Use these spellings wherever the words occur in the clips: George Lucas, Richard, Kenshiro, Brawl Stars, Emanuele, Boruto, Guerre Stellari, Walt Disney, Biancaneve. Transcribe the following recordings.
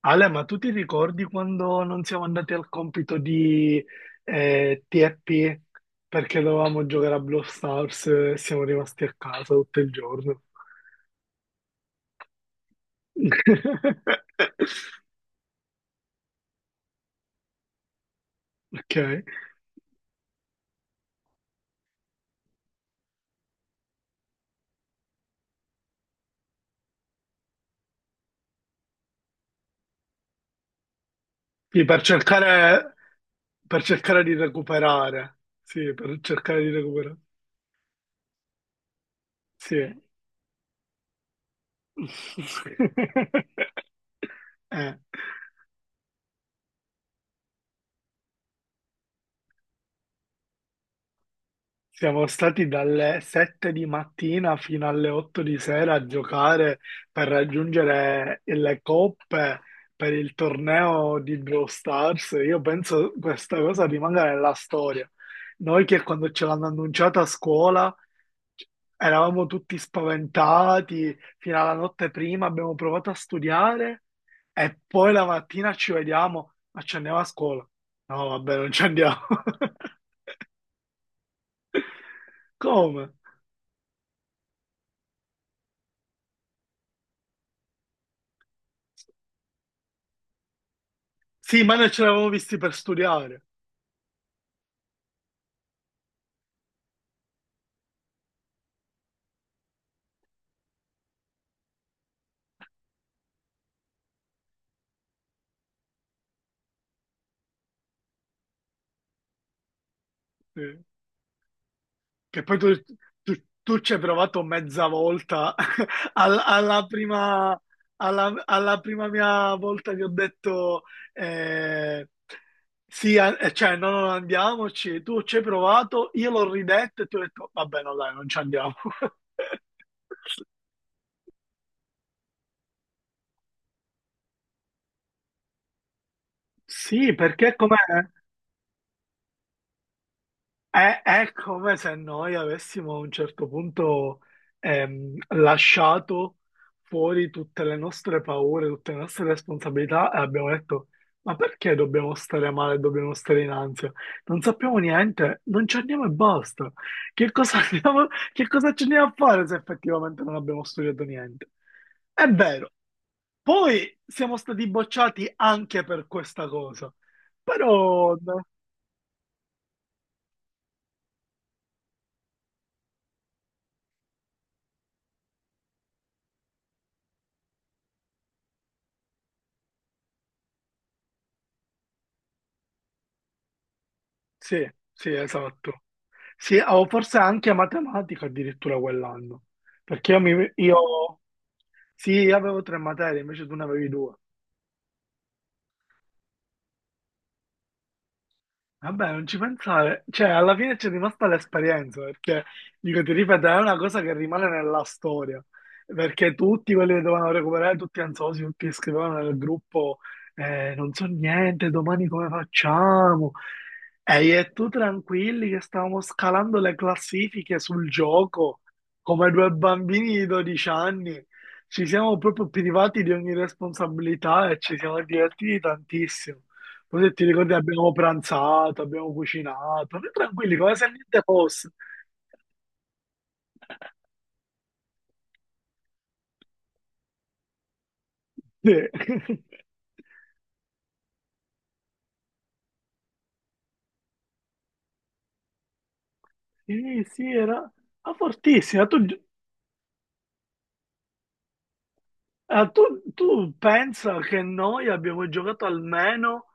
Ale, ma tu ti ricordi quando non siamo andati al compito di TFP perché dovevamo giocare a Brawl Stars e siamo rimasti a casa tutto il giorno? Ok. Sì, per cercare di recuperare. Sì, per cercare di recuperare. Sì. Eh. Siamo stati dalle 7 di mattina fino alle 8 di sera a giocare per raggiungere le coppe per il torneo di Brawl Stars. Io penso questa cosa rimanga nella storia. Noi che quando ce l'hanno annunciata a scuola eravamo tutti spaventati, fino alla notte prima abbiamo provato a studiare e poi la mattina ci vediamo, ma ci andiamo a scuola. No, vabbè, non ci andiamo. Come? Sì, ma noi ce l'avevamo visti per studiare. Sì. Che poi tu, tu ci hai provato mezza volta. Al- Alla, prima, alla prima mia volta ti ho detto eh, sì, cioè no, non andiamoci. Tu ci hai provato, io l'ho ridetto e ti ho detto vabbè, no, dai, non ci andiamo. Sì, perché com'è? È come se noi avessimo a un certo punto lasciato fuori tutte le nostre paure, tutte le nostre responsabilità e abbiamo detto: ma perché dobbiamo stare male, dobbiamo stare in ansia? Non sappiamo niente, non ci andiamo e basta. Che cosa che cosa ci andiamo a fare se effettivamente non abbiamo studiato niente? È vero. Poi siamo stati bocciati anche per questa cosa, però. No, sì, sì, esatto. Sì, o forse anche matematica addirittura quell'anno, perché io sì, io avevo tre materie, invece tu ne avevi due. Vabbè, non ci pensare, cioè alla fine c'è rimasta l'esperienza, perché dico, ti ripeto, è una cosa che rimane nella storia, perché tutti quelli che dovevano recuperare, tutti ansiosi, tutti che scrivevano nel gruppo, non so niente, domani come facciamo? E io e tu tranquilli che stavamo scalando le classifiche sul gioco, come due bambini di 12 anni, ci siamo proprio privati di ogni responsabilità e ci siamo divertiti tantissimo. Così ti ricordi, abbiamo pranzato, abbiamo cucinato, noi tranquilli, come se niente fosse. Sì, sì, sì, era ma fortissima. Tu, ah, tu, tu pensa che noi abbiamo giocato almeno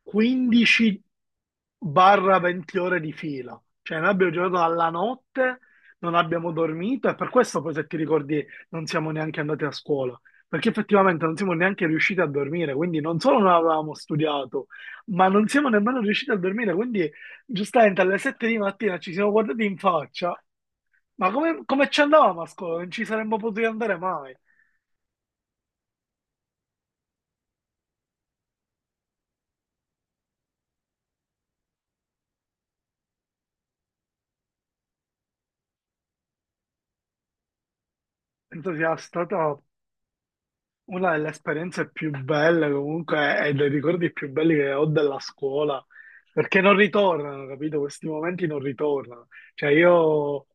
15 barra 20 ore di fila. Cioè, noi abbiamo giocato alla notte, non abbiamo dormito e per questo poi, se ti ricordi, non siamo neanche andati a scuola. Perché effettivamente non siamo neanche riusciti a dormire, quindi non solo non avevamo studiato, ma non siamo nemmeno riusciti a dormire. Quindi, giustamente, alle 7 di mattina ci siamo guardati in faccia. Ma come, come ci andavamo a scuola? Non ci saremmo potuti andare mai. Entusiasta top. Una delle esperienze più belle comunque e dei ricordi più belli che ho della scuola, perché non ritornano, capito? Questi momenti non ritornano. Cioè io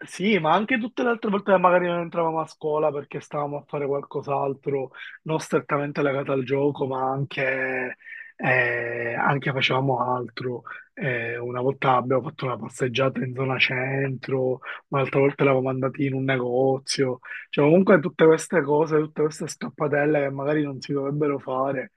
sì, ma anche tutte le altre volte che magari non entravamo a scuola perché stavamo a fare qualcos'altro, non strettamente legato al gioco, ma anche, anche facevamo altro. Una volta abbiamo fatto una passeggiata in zona centro, un'altra volta eravamo andati in un negozio. Cioè, comunque tutte queste cose, tutte queste scappatelle che magari non si dovrebbero fare,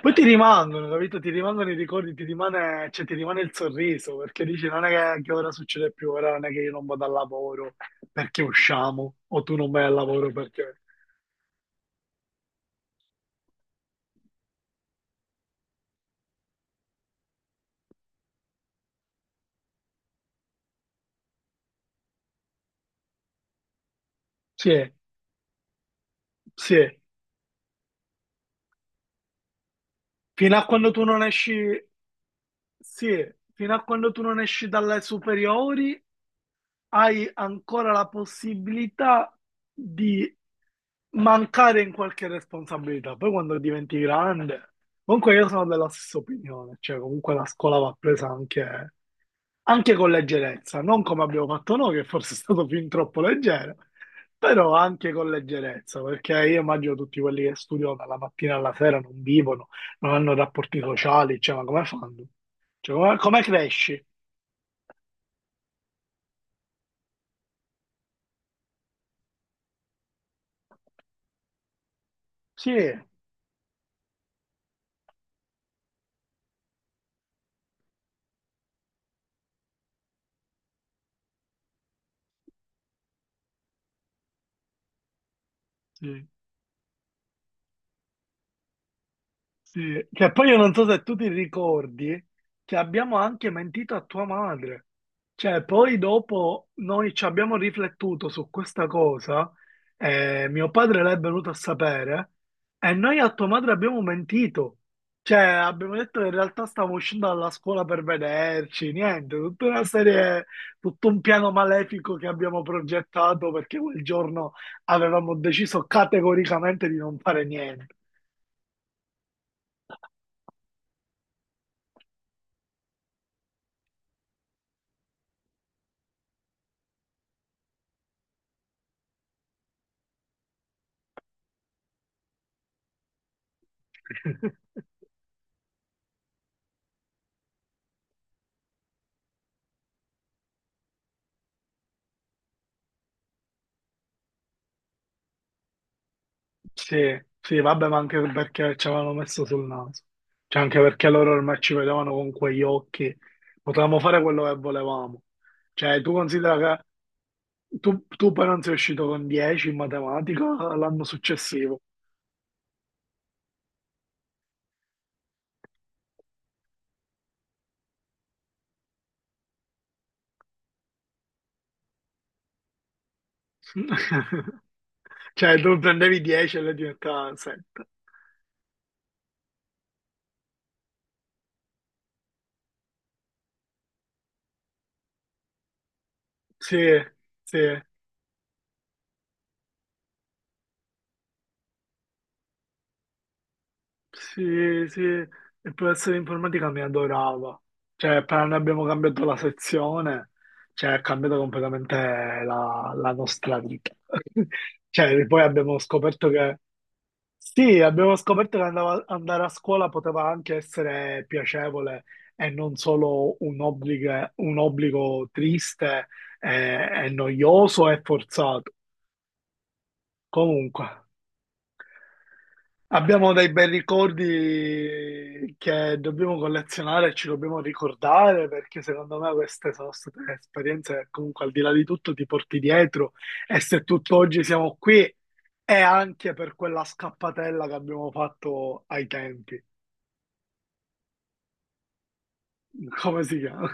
poi ti rimangono, capito? Ti rimangono i ricordi, ti rimane, cioè, ti rimane il sorriso, perché dici non è che ora succede più, ora non è che io non vado al lavoro perché usciamo, o tu non vai al lavoro perché... Sì, sì, fino a quando tu non esci, sì, fino a quando tu non esci dalle superiori hai ancora la possibilità di mancare in qualche responsabilità. Poi quando diventi grande, comunque io sono della stessa opinione, cioè comunque la scuola va presa anche, anche con leggerezza, non come abbiamo fatto noi, che forse è stato fin troppo leggero, però anche con leggerezza, perché io immagino tutti quelli che studiano dalla mattina alla sera non vivono, non hanno rapporti sociali, cioè ma come fanno? Cioè, come, come cresci? Sì, sì. Sì, che poi io non so se tu ti ricordi che abbiamo anche mentito a tua madre. Cioè, poi dopo noi ci abbiamo riflettuto su questa cosa, mio padre l'è venuto a sapere, e noi a tua madre abbiamo mentito. Cioè, abbiamo detto che in realtà stavamo uscendo dalla scuola per vederci, niente, tutta una serie, tutto un piano malefico che abbiamo progettato perché quel giorno avevamo deciso categoricamente di non fare niente. Sì, sì, vabbè, ma anche perché ci avevano messo sul naso. Cioè, anche perché loro ormai ci vedevano con quegli occhi. Potevamo fare quello che volevamo. Cioè, tu considera che tu, tu poi non sei uscito con 10 in matematica l'anno successivo. Cioè, tu prendevi 10 e lei diventava 7. Sì, sì. Sì, sì, il professore di informatica mi adorava. Cioè, appena noi abbiamo cambiato la sezione, cioè, ha cambiato completamente la, la nostra vita. Cioè, poi abbiamo scoperto che, sì, abbiamo scoperto che andare a scuola poteva anche essere piacevole e non solo un obbligo triste e noioso e forzato. Comunque. Abbiamo dei bei ricordi che dobbiamo collezionare e ci dobbiamo ricordare perché secondo me queste sono state esperienze che comunque al di là di tutto ti porti dietro e se tutt'oggi siamo qui è anche per quella scappatella che abbiamo fatto ai tempi. Come si chiama?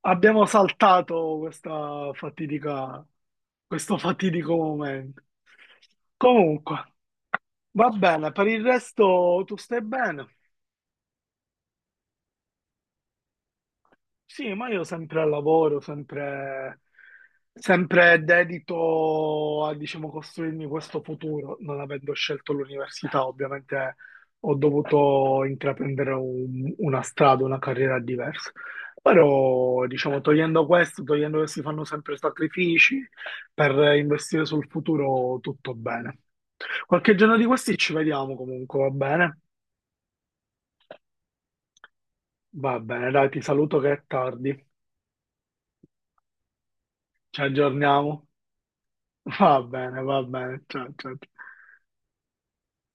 Abbiamo saltato questa fatidica, questo fatidico momento. Comunque, va bene, per il resto tu stai bene. Sì, ma io sempre al lavoro, sempre, sempre dedito a, diciamo, costruirmi questo futuro. Non avendo scelto l'università, ovviamente ho dovuto intraprendere una strada, una carriera diversa. Però, diciamo, togliendo questo, togliendo che si fanno sempre sacrifici per investire sul futuro, tutto bene. Qualche giorno di questi ci vediamo comunque, va bene? Va bene, dai, ti saluto che è tardi. Ci aggiorniamo. Va bene, va bene. Ciao, ciao, ciao.